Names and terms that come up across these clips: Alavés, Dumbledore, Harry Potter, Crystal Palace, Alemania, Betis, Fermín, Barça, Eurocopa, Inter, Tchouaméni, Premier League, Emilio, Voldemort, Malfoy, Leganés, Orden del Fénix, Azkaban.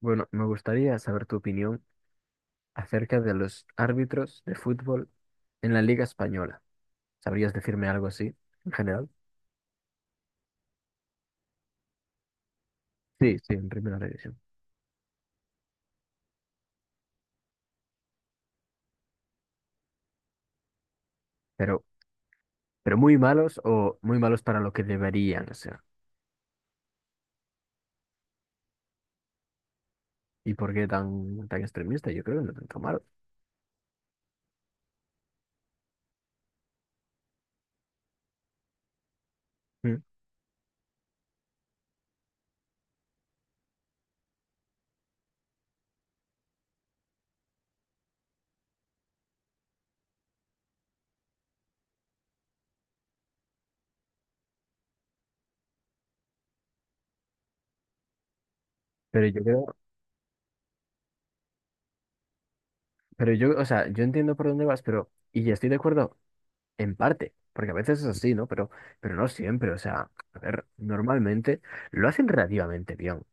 Bueno, me gustaría saber tu opinión acerca de los árbitros de fútbol en la Liga Española. ¿Sabrías decirme algo así en general? Sí, sí, en primera división. Pero, pero muy malos o muy malos para lo que deberían ser. ¿Y por qué tan extremista? Yo creo que no tanto malo. Mm. Pero yo creo, pero yo, o sea, yo entiendo por dónde vas, pero, y ya estoy de acuerdo en parte, porque a veces es así, ¿no? Pero no siempre, o sea, a ver, normalmente lo hacen relativamente bien.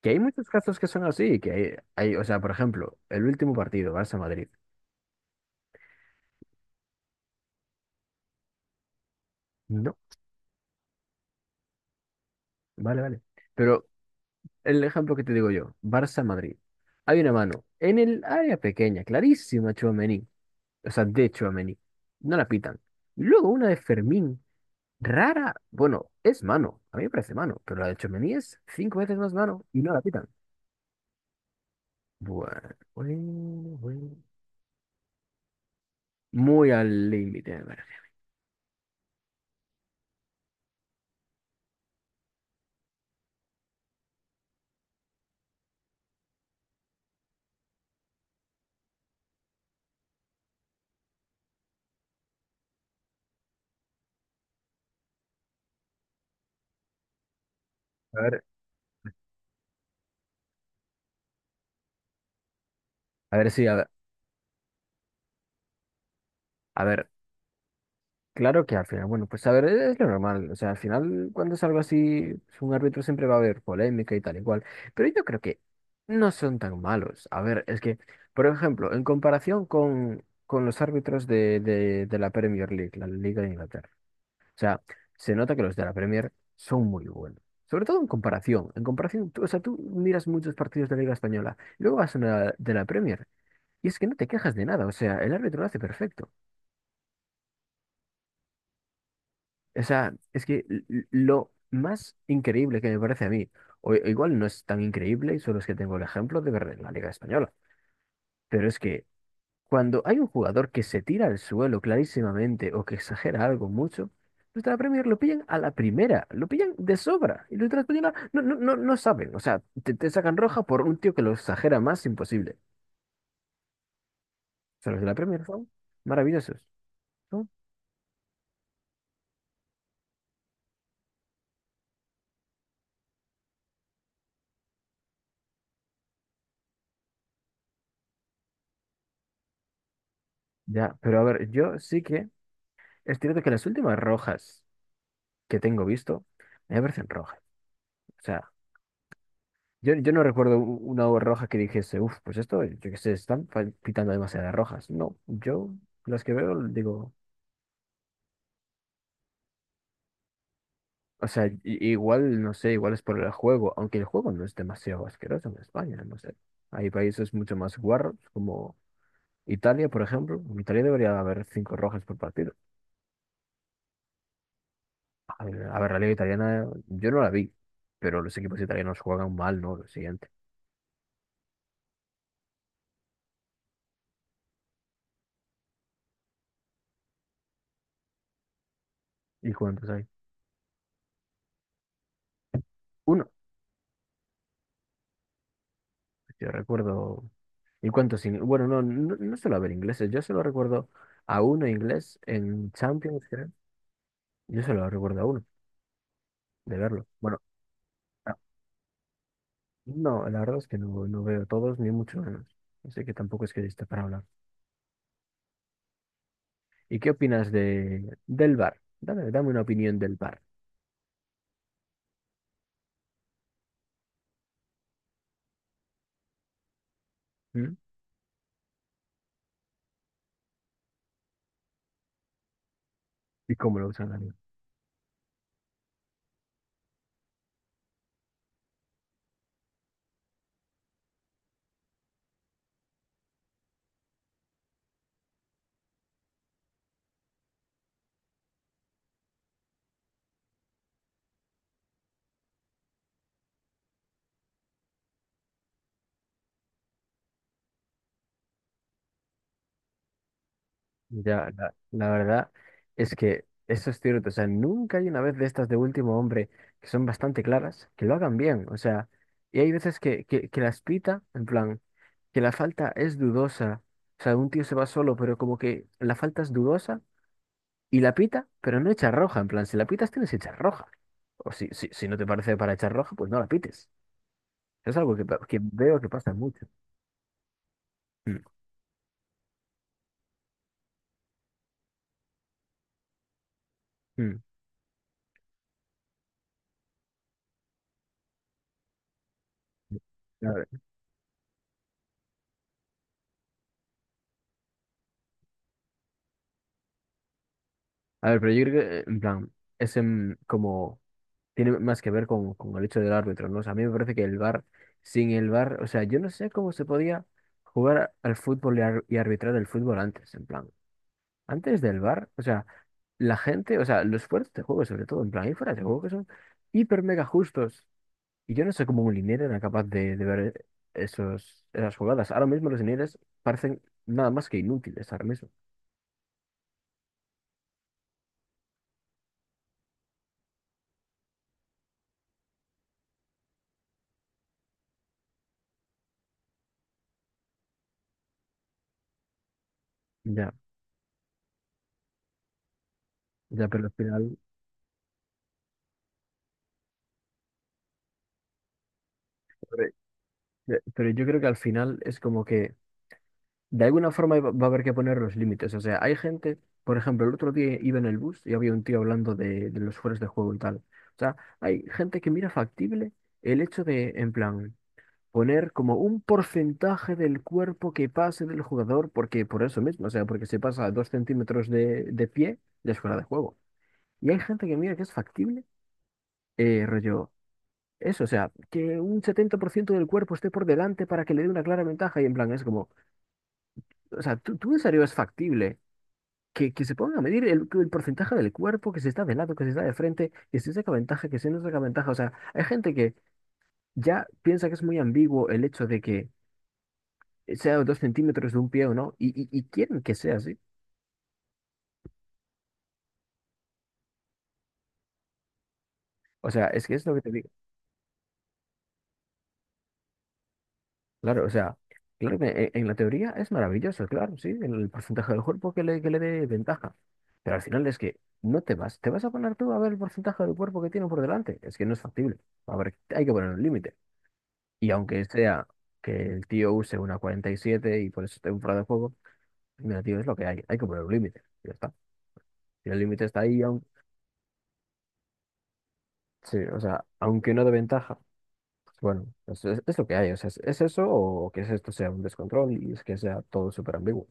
Que hay muchos casos que son así, que hay, o sea, por ejemplo, el último partido, Barça-Madrid. No, vale, vale. Pero el ejemplo que te digo yo, Barça-Madrid. Hay una mano en el área pequeña, clarísima, Tchouaméni. O sea, de Tchouaméni. No la pitan. Luego una de Fermín, rara. Bueno, es mano. A mí me parece mano, pero la de Tchouaméni es cinco veces más mano y no la pitan. Bueno, bueno, bueno. Muy al límite, me parece. A ver, a ver si, a ver, Claro que al final, bueno, pues a ver, es lo normal. O sea, al final, cuando es algo así, pues, un árbitro siempre va a haber polémica y tal y cual. Pero yo creo que no son tan malos. A ver, es que, por ejemplo, en comparación con los árbitros de la Premier League, la Liga de Inglaterra. O sea, se nota que los de la Premier son muy buenos. Sobre todo en comparación. En comparación, o sea, tú miras muchos partidos de la Liga Española, luego vas a una de la Premier y es que no te quejas de nada. O sea, el árbitro lo hace perfecto. O sea, es que lo más increíble que me parece a mí, o igual no es tan increíble, y solo es que tengo el ejemplo de ver en la Liga Española, pero es que cuando hay un jugador que se tira al suelo clarísimamente o que exagera algo mucho, nuestra Premier lo pillan a la primera, lo pillan de sobra, y nuestra Española no saben, o sea, te sacan roja por un tío que lo exagera más imposible. O sea, los de la Premier son maravillosos, ¿no? Ya, pero a ver, yo sí que es cierto que las últimas rojas, que tengo visto, me parecen rojas. O sea, yo no recuerdo una obra roja que dijese, uff, pues esto, yo qué sé, están quitando demasiadas rojas. No, yo las que veo, digo, o sea, igual, no sé, igual es por el juego, aunque el juego no es demasiado asqueroso en España, no sé. Hay países mucho más guarros, como Italia, por ejemplo. En Italia debería haber cinco rojas por partido. A ver, la liga italiana, yo no la vi, pero los equipos italianos juegan mal, ¿no? Lo siguiente. ¿Y cuántos hay? Uno. Yo recuerdo ¿Y cuántos ingleses? Bueno, no suelo haber ingleses. Yo solo recuerdo a uno inglés en Champions, creo. Yo solo recuerdo a uno, de verlo. Bueno, a- no, la verdad es que no veo todos, ni mucho menos. Así que tampoco es que esté para hablar. ¿Y qué opinas del bar dame una opinión del bar? ¿Y cómo lo usan ahí? Ya, la verdad es que eso es cierto. O sea, nunca hay una vez de estas de último hombre que son bastante claras, que lo hagan bien. O sea, y hay veces que las pita, en plan, que la falta es dudosa. O sea, un tío se va solo, pero como que la falta es dudosa y la pita, pero no echa roja. En plan, si la pitas, tienes que echar roja. O si no te parece para echar roja, pues no la pites. Es algo que, que veo que pasa mucho. Mm, mm. A ver, a ver, pero yo creo que, en plan, es como, tiene más que ver con el hecho del árbitro, ¿no? O sea, a mí me parece que el VAR, sin el VAR, o sea, yo no sé cómo se podía jugar al fútbol y arbitrar el fútbol antes, en plan, antes del VAR, o sea, la gente, o sea, los esfuerzos de este juego, sobre todo, en plan, hay fuerzas de juego que son hiper mega justos. Y yo no sé cómo un linier era capaz de ver esas jugadas. Ahora mismo los linieres parecen nada más que inútiles, ahora mismo. Ya, ya, pero al final, pero pero yo creo que al final es como que de alguna forma va a haber que poner los límites. O sea, hay gente, por ejemplo, el otro día iba en el bus y había un tío hablando de los fueros de juego y tal. O sea, hay gente que mira factible el hecho de, en plan, poner como un porcentaje del cuerpo que pase del jugador, porque por eso mismo, o sea, porque se pasa a 2 centímetros de pie, ya es fuera de juego. Y hay gente que mira que es factible, rollo, eso, o sea, que un 70% del cuerpo esté por delante para que le dé una clara ventaja, y en plan, es como, o sea, ¿tú en serio es factible? Que se pongan a medir el porcentaje del cuerpo, que se está de lado, que se está de frente, que si saca ventaja, que si no saca ventaja. O sea, hay gente que ya piensa que es muy ambiguo el hecho de que sea 2 centímetros de un pie o no, y quieren que sea así. O sea, es que es lo que te digo. Claro, o sea, claro que en, la teoría es maravilloso, claro, sí, el porcentaje del cuerpo que le dé ventaja. Pero al final es que no te vas, te vas a poner tú a ver el porcentaje del cuerpo que tiene por delante. Es que no es factible. A ver, hay que poner un límite. Y aunque sea que el tío use una 47 y siete y por eso esté un fuera de juego, mira, tío, es lo que hay. Hay que poner un límite. Ya está. Y el límite está ahí, aunque, sí, o sea, aunque no de ventaja. Bueno, es lo que hay, o sea, es eso o que es esto sea un descontrol y es que sea todo súper ambiguo.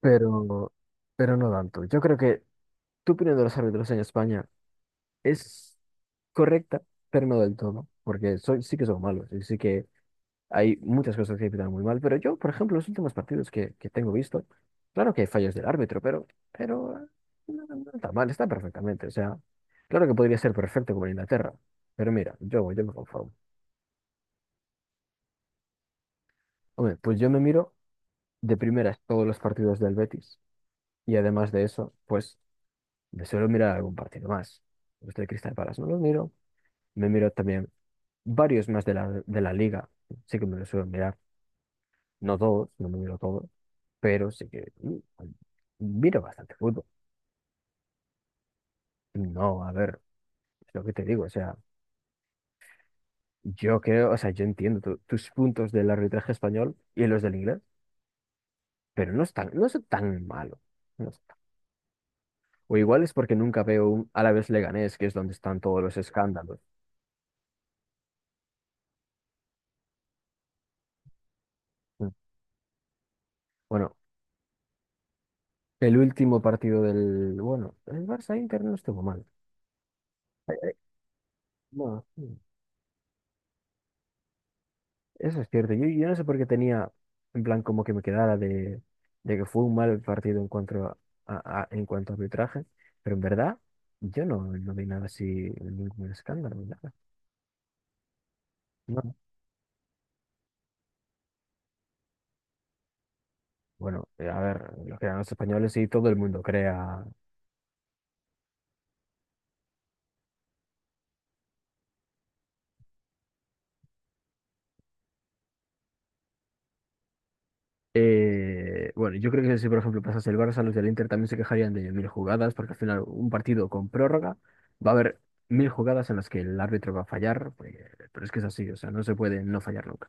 Pero, pero no tanto. Yo creo que tu opinión de los árbitros en España es correcta, pero no del todo, porque soy, sí que son malos, y sí que hay muchas cosas que pitan muy mal, pero yo, por ejemplo, los últimos partidos que tengo visto, claro que hay fallos del árbitro, pero no está mal, está perfectamente, o sea, claro que podría ser perfecto como en Inglaterra, pero mira, yo me conformo. Hombre, pues yo me miro de primeras todos los partidos del Betis. Y además de eso, pues me suelo mirar algún partido más. Los del Crystal Palace no los miro. Me miro también varios más de la liga. Sí que me los suelo mirar. No todos, no me miro todos, pero sí que miro bastante fútbol. No, a ver, es lo que te digo. O sea, yo creo, o sea, yo entiendo tus puntos del arbitraje español y los del inglés, pero no es tan malo. No es tan- O igual es porque nunca veo un Alavés Leganés, que es donde están todos los escándalos. Mm. Bueno, el último partido del... Bueno, el Barça-Inter no estuvo mal. No, sí, eso es cierto. Yo no sé por qué tenía, en plan, como que me quedara de que fue un mal partido en cuanto en cuanto a arbitraje, pero en verdad yo no vi nada así, ningún escándalo, ni nada. No. Bueno, a ver, los que eran los españoles y todo el mundo crea. Bueno, yo creo que si por ejemplo pasase el Barça, los del Inter también se quejarían de mil jugadas, porque al final un partido con prórroga va a haber mil jugadas en las que el árbitro va a fallar, pues, pero es que es así, o sea, no se puede no fallar nunca.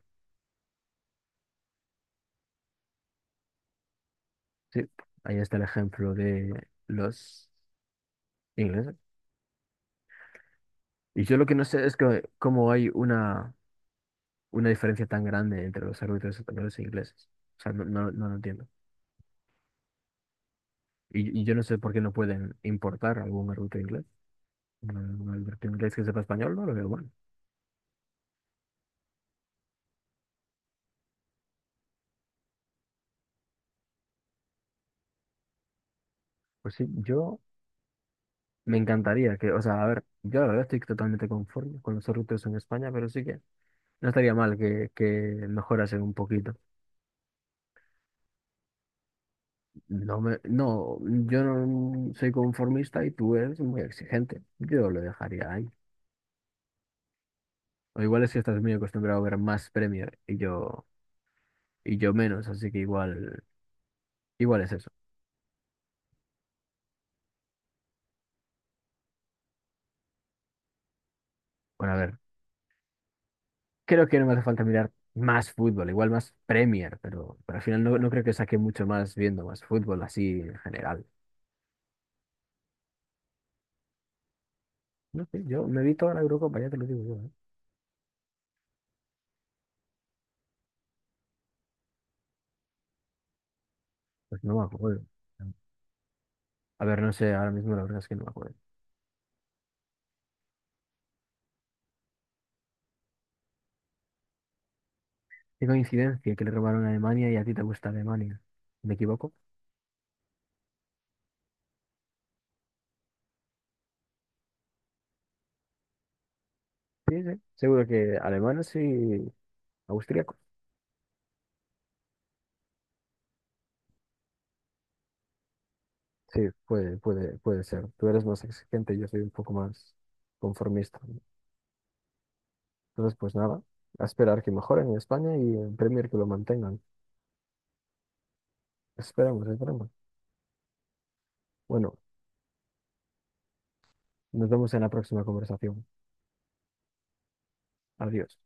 Sí, ahí está el ejemplo de los ingleses. Y yo lo que no sé es que cómo hay una diferencia tan grande entre los árbitros españoles e ingleses. O sea, no lo entiendo. Y yo no sé por qué no pueden importar algún árbitro inglés. Un un árbitro inglés que sepa español, no lo veo bueno. Pues sí, yo Me encantaría que, o sea, a ver, yo la verdad estoy totalmente conforme con los sorteos en España, pero sí que no estaría mal que mejorasen un poquito. No, yo no soy conformista y tú eres muy exigente. Yo lo dejaría ahí. O igual es que estás muy acostumbrado a ver más Premier y yo menos, así que igual es eso. Bueno, a ver, creo que no me hace falta mirar más fútbol, igual más Premier, pero al final no creo que saque mucho más viendo más fútbol así en general. No sé, yo me vi toda la Eurocopa, ya te lo digo yo. ¿Eh? Pues no me acuerdo. A ver, no sé, ahora mismo la verdad es que no me acuerdo. Qué coincidencia que le robaron a Alemania y a ti te gusta Alemania. ¿Me equivoco? Sí, sí. Seguro que alemanes y austríacos. Sí, puede ser. Tú eres más exigente, yo soy un poco más conformista. Entonces, pues nada, a esperar que mejoren en España y en Premier que lo mantengan. Esperamos, esperamos. Bueno, nos vemos en la próxima conversación. Adiós.